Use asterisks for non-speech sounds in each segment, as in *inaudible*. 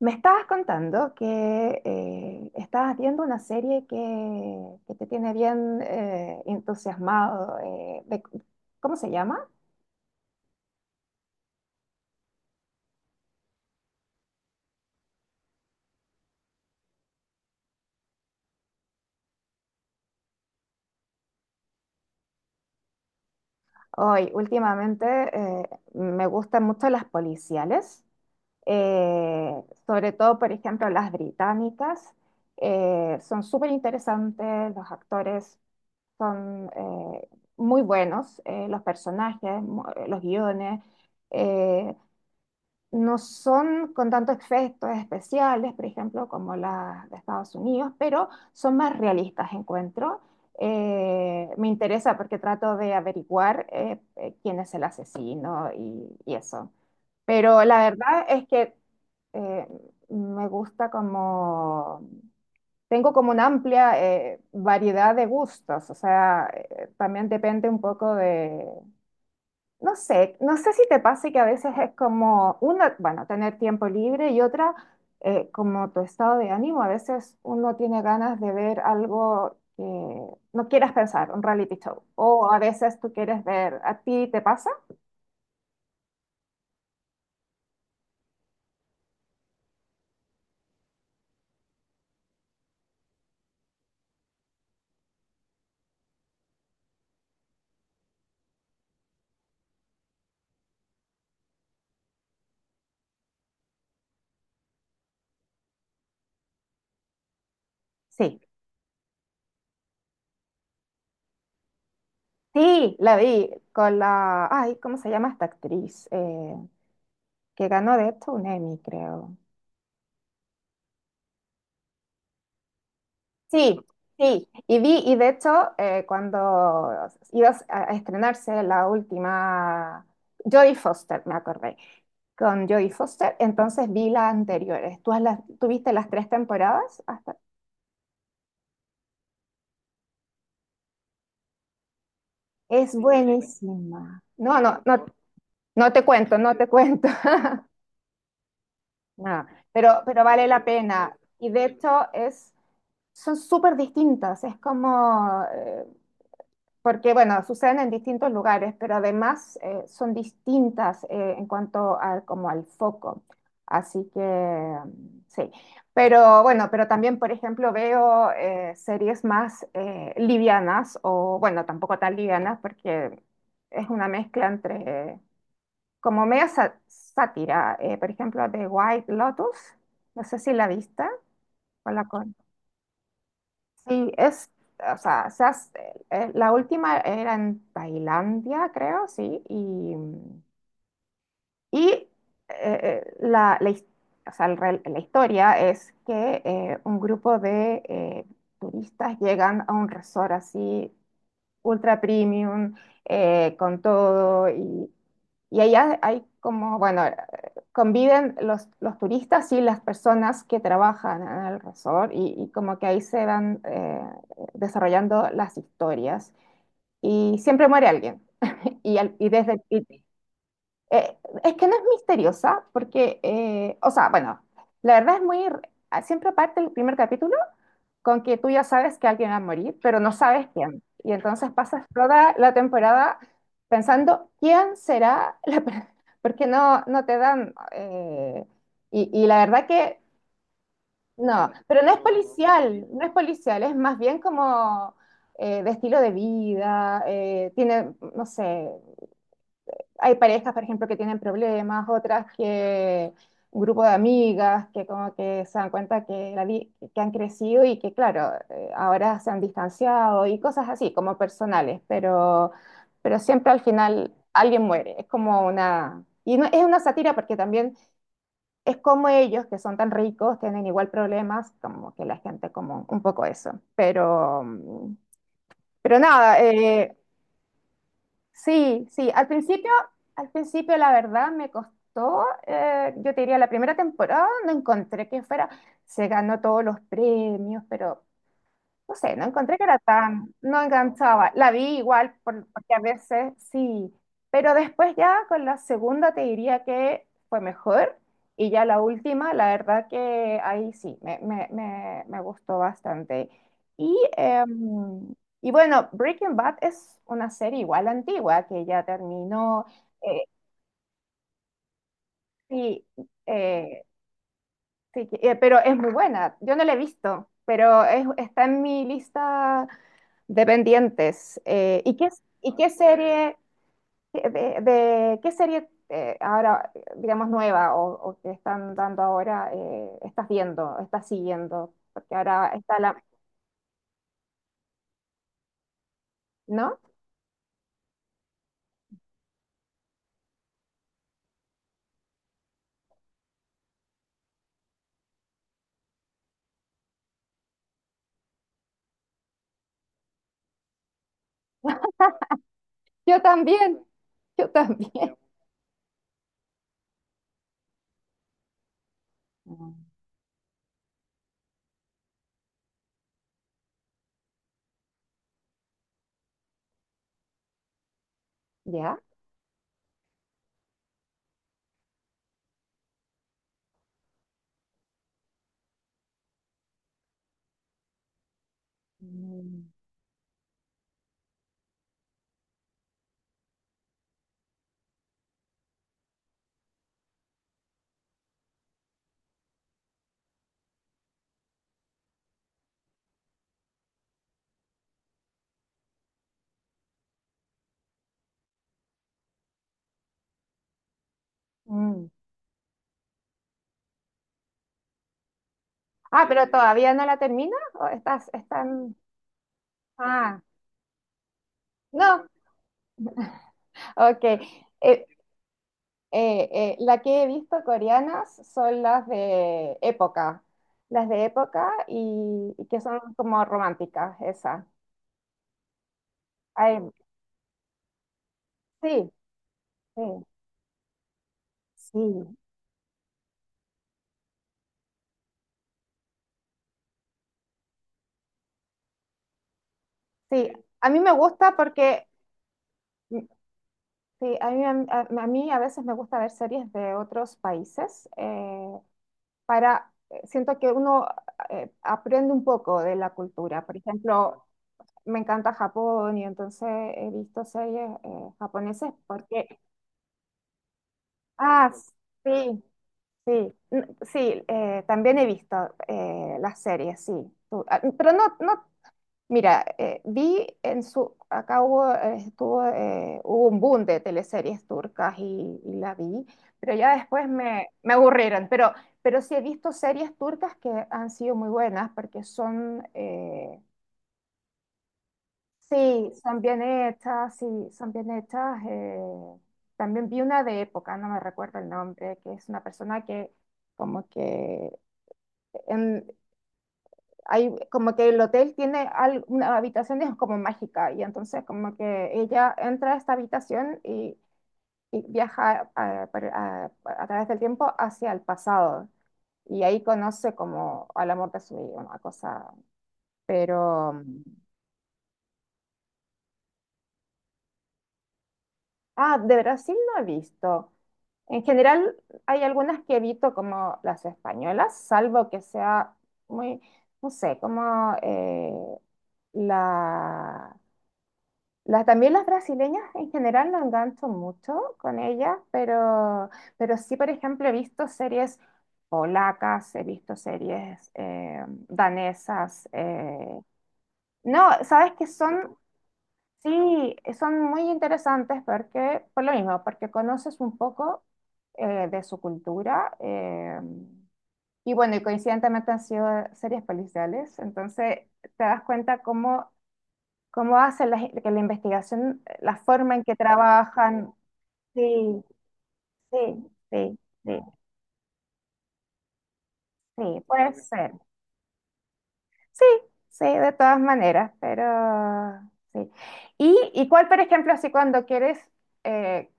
Me estabas contando que estabas viendo una serie que te tiene bien entusiasmado. ¿Cómo se llama? Hoy, últimamente me gustan mucho las policiales, eh, sobre todo, por ejemplo, las británicas. Son súper interesantes, los actores son muy buenos, los personajes, los guiones. eh, no son con tantos efectos especiales, por ejemplo, como las de Estados Unidos, pero son más realistas, encuentro. Me interesa porque trato de averiguar quién es el asesino y eso. Pero la verdad es que eh, me gusta como, tengo como una amplia variedad de gustos, o sea, también depende un poco, no sé si te pasa que a veces es como una, bueno, tener tiempo libre y otra, como tu estado de ánimo. A veces uno tiene ganas de ver algo que no quieras pensar, un reality show. O a veces tú quieres ver, ¿a ti te pasa? Sí, sí, la vi con la, ay, ¿cómo se llama esta actriz? Que ganó de esto un Emmy, creo. Sí, sí, y vi, y de hecho, cuando iba a estrenarse la última, Jodie Foster, me acordé, con Jodie Foster, entonces vi las anteriores. ¿Tú viste las tres temporadas? Hasta... Es buenísima. No, no, no, no te cuento, no te cuento. *laughs* No, pero vale la pena. Y de hecho, es, son súper distintas. Es como, porque bueno, suceden en distintos lugares, pero además son distintas en cuanto al, como al foco. Así que mm, sí. Pero bueno, pero también, por ejemplo, veo series más livianas, o bueno, tampoco tan livianas, porque es una mezcla entre, eh, como media sátira, por ejemplo, de White Lotus, no sé si la vista o la. Sí, es, o sea, la última era en Tailandia, creo, sí, y eh, la, la his- o sea, la historia es que un grupo de turistas llegan a un resort así ultra premium, con todo. Y allá hay como, bueno, conviven los turistas y las personas que trabajan en el resort y como que ahí se van desarrollando las historias. Y siempre muere alguien. Y, al- y desde... y- eh, es que no es misteriosa porque, o sea, bueno, la verdad es muy... Siempre parte el primer capítulo con que tú ya sabes que alguien va a morir, pero no sabes quién. Y entonces pasas toda la temporada pensando quién será *laughs* porque no te dan. Y la verdad que no, pero no es policial, no es policial, es más bien como de estilo de vida, tiene, no sé, hay parejas, por ejemplo, que tienen problemas, otras que un grupo de amigas que como que se dan cuenta que han crecido y que, claro, ahora se han distanciado y cosas así, como personales, pero siempre al final alguien muere. Es como una... Y no, es una sátira porque también es como ellos, que son tan ricos, tienen igual problemas, como que la gente como un poco eso. Pero nada, sí, sí, al principio, la verdad me costó, yo te diría la primera temporada no encontré que fuera, se ganó todos los premios, pero no sé, no encontré que era tan, no enganchaba. La vi igual, porque a veces sí, pero después ya con la segunda te diría que fue mejor y ya la última, la verdad que ahí sí, me gustó bastante. Y, em, y bueno, Breaking Bad es una serie igual antigua que ya terminó, eh, sí, eh, sí, pero es muy buena. Yo no la he visto, pero está en mi lista Dependientes. ¿Y de, qué serie ahora, digamos, nueva o que están dando ahora, estás viendo, estás siguiendo? Porque ahora está la... ¿No? Yo también, yo también. *laughs* Mm. ¿Ya? Mm, mm. Ah, pero todavía no la termina o estás, están... Ah, no, ok. Eh, la que he visto coreanas son las de época y que son como románticas, esas. Ay, sí, sí, sí, sí. A mí me gusta porque, mm, sí, a mí a veces me gusta ver series de otros países para, siento que uno aprende un poco de la cultura. Por ejemplo, me encanta Japón y entonces he visto series japonesas porque. Ah, sí, sí, sí, también he visto las series, sí. Pero no, no, mira, vi en su, acá hubo, estuvo, hubo un boom de teleseries turcas y la vi, pero ya después me aburrieron. Pero sí he visto series turcas que han sido muy buenas porque son, sí, son bien hechas, sí, son bien hechas. También vi una de época, no me recuerdo el nombre, que es una persona que como que en- hay, como que el hotel tiene una habitación es como mágica y entonces como que ella entra a esta habitación y viaja a través del tiempo hacia el pasado y ahí conoce como al amor de su vida, una cosa, pero... Ah, de Brasil no he visto. En general, hay algunas que evito como las españolas, salvo que sea muy, no sé, como la, también las brasileñas en general no engancho mucho con ellas, pero sí, por ejemplo, he visto series polacas, he visto series danesas. No, sabes que son. Sí, son muy interesantes porque, por lo mismo, porque conoces un poco de su cultura y bueno, y coincidentemente han sido series policiales, entonces te das cuenta cómo, cómo hacen la, que la investigación, la forma en que trabajan. Sí, sí, sí, sí, sí, puede ser. Sí, sí, de todas maneras, pero sí. ¿Y cuál, por ejemplo, así cuando quieres, eh,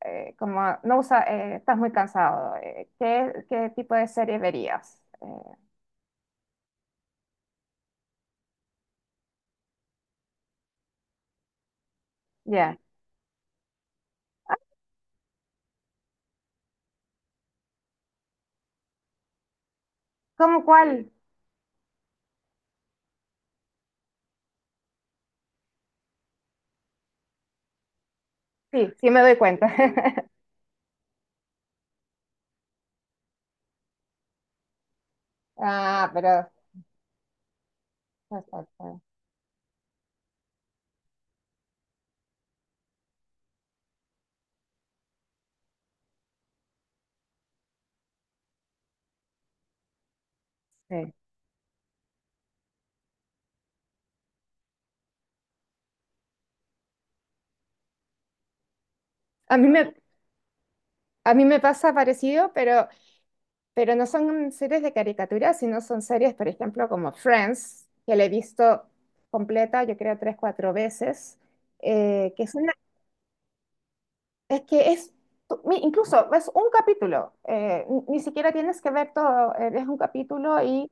como no usa, estás muy cansado, ¿qué tipo de serie verías? Ya. ¿Cómo cuál? Sí, sí me doy cuenta. *laughs* Ah, pero... perfecto, sí. A mí me, a mí me pasa parecido, pero no son series de caricaturas, sino son series, por ejemplo, como Friends, que la he visto completa, yo creo, tres, cuatro veces, que es una, es que es, incluso es un capítulo, ni siquiera tienes que ver todo, es un capítulo y,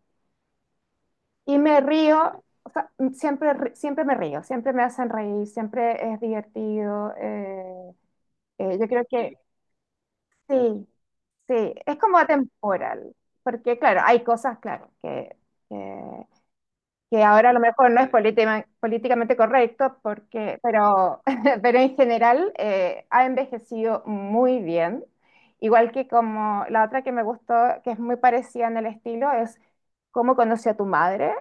y me río, o sea, siempre, siempre me río, siempre me hacen reír, siempre es divertido, yo creo que sí, sí, es como atemporal, porque claro, hay cosas, claro, que... que que ahora a lo mejor no es políticamente correcto, porque, pero, *laughs* pero en general ha envejecido muy bien. Igual que como la otra que me gustó, que es muy parecida en el estilo, es Cómo conocí a tu madre.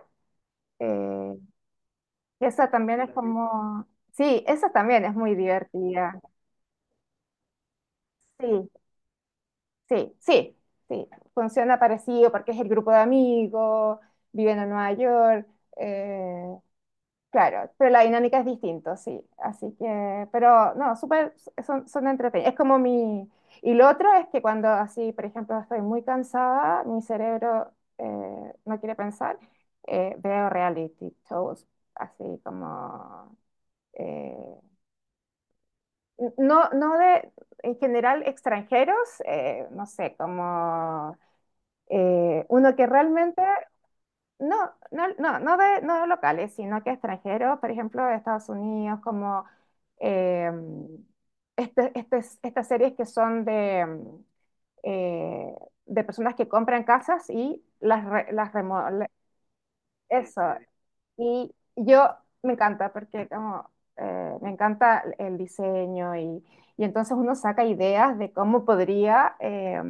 eh, Esa también es como... Sí, esa también es muy divertida. Sí, sí, sí, sí. Funciona parecido porque es el grupo de amigos, viven en Nueva York. eh, Claro, pero la dinámica es distinta, sí. Así que, pero no, súper, son entretenidos. Es como mi... Y lo otro es que cuando así, por ejemplo, estoy muy cansada, mi cerebro no quiere pensar, veo reality shows, así como... eh, no, no de, en general, extranjeros, no sé, como uno que realmente no, no, no, no de, no de locales, sino que extranjeros, por ejemplo, de Estados Unidos, como eh, este- este- estas series que son de, eh, de personas que compran casas y las, las Eso, y yo me encanta porque como me encanta el diseño y entonces uno saca ideas de cómo podría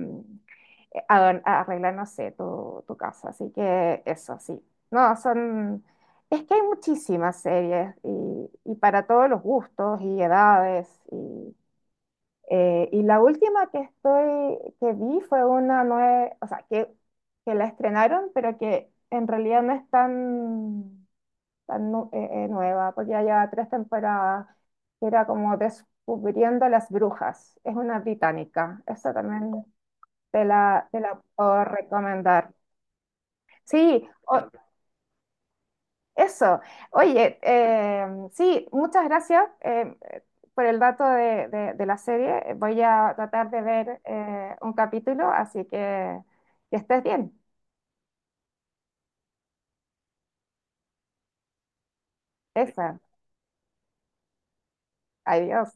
a arreglar, no sé, tu casa. Así que eso, sí. No, son... Es que hay muchísimas series y para todos los gustos y edades. Y la última que estoy, que vi fue una nueva, o sea, que la estrenaron, pero que en realidad no es tan nueva, porque ya lleva tres temporadas, que era como Descubriendo las Brujas. Es una británica. Esa también te la puedo recomendar. Sí, eso. Oye, sí, muchas gracias por el dato de la serie. Voy a tratar de ver un capítulo, así que estés bien. Esa. Adiós.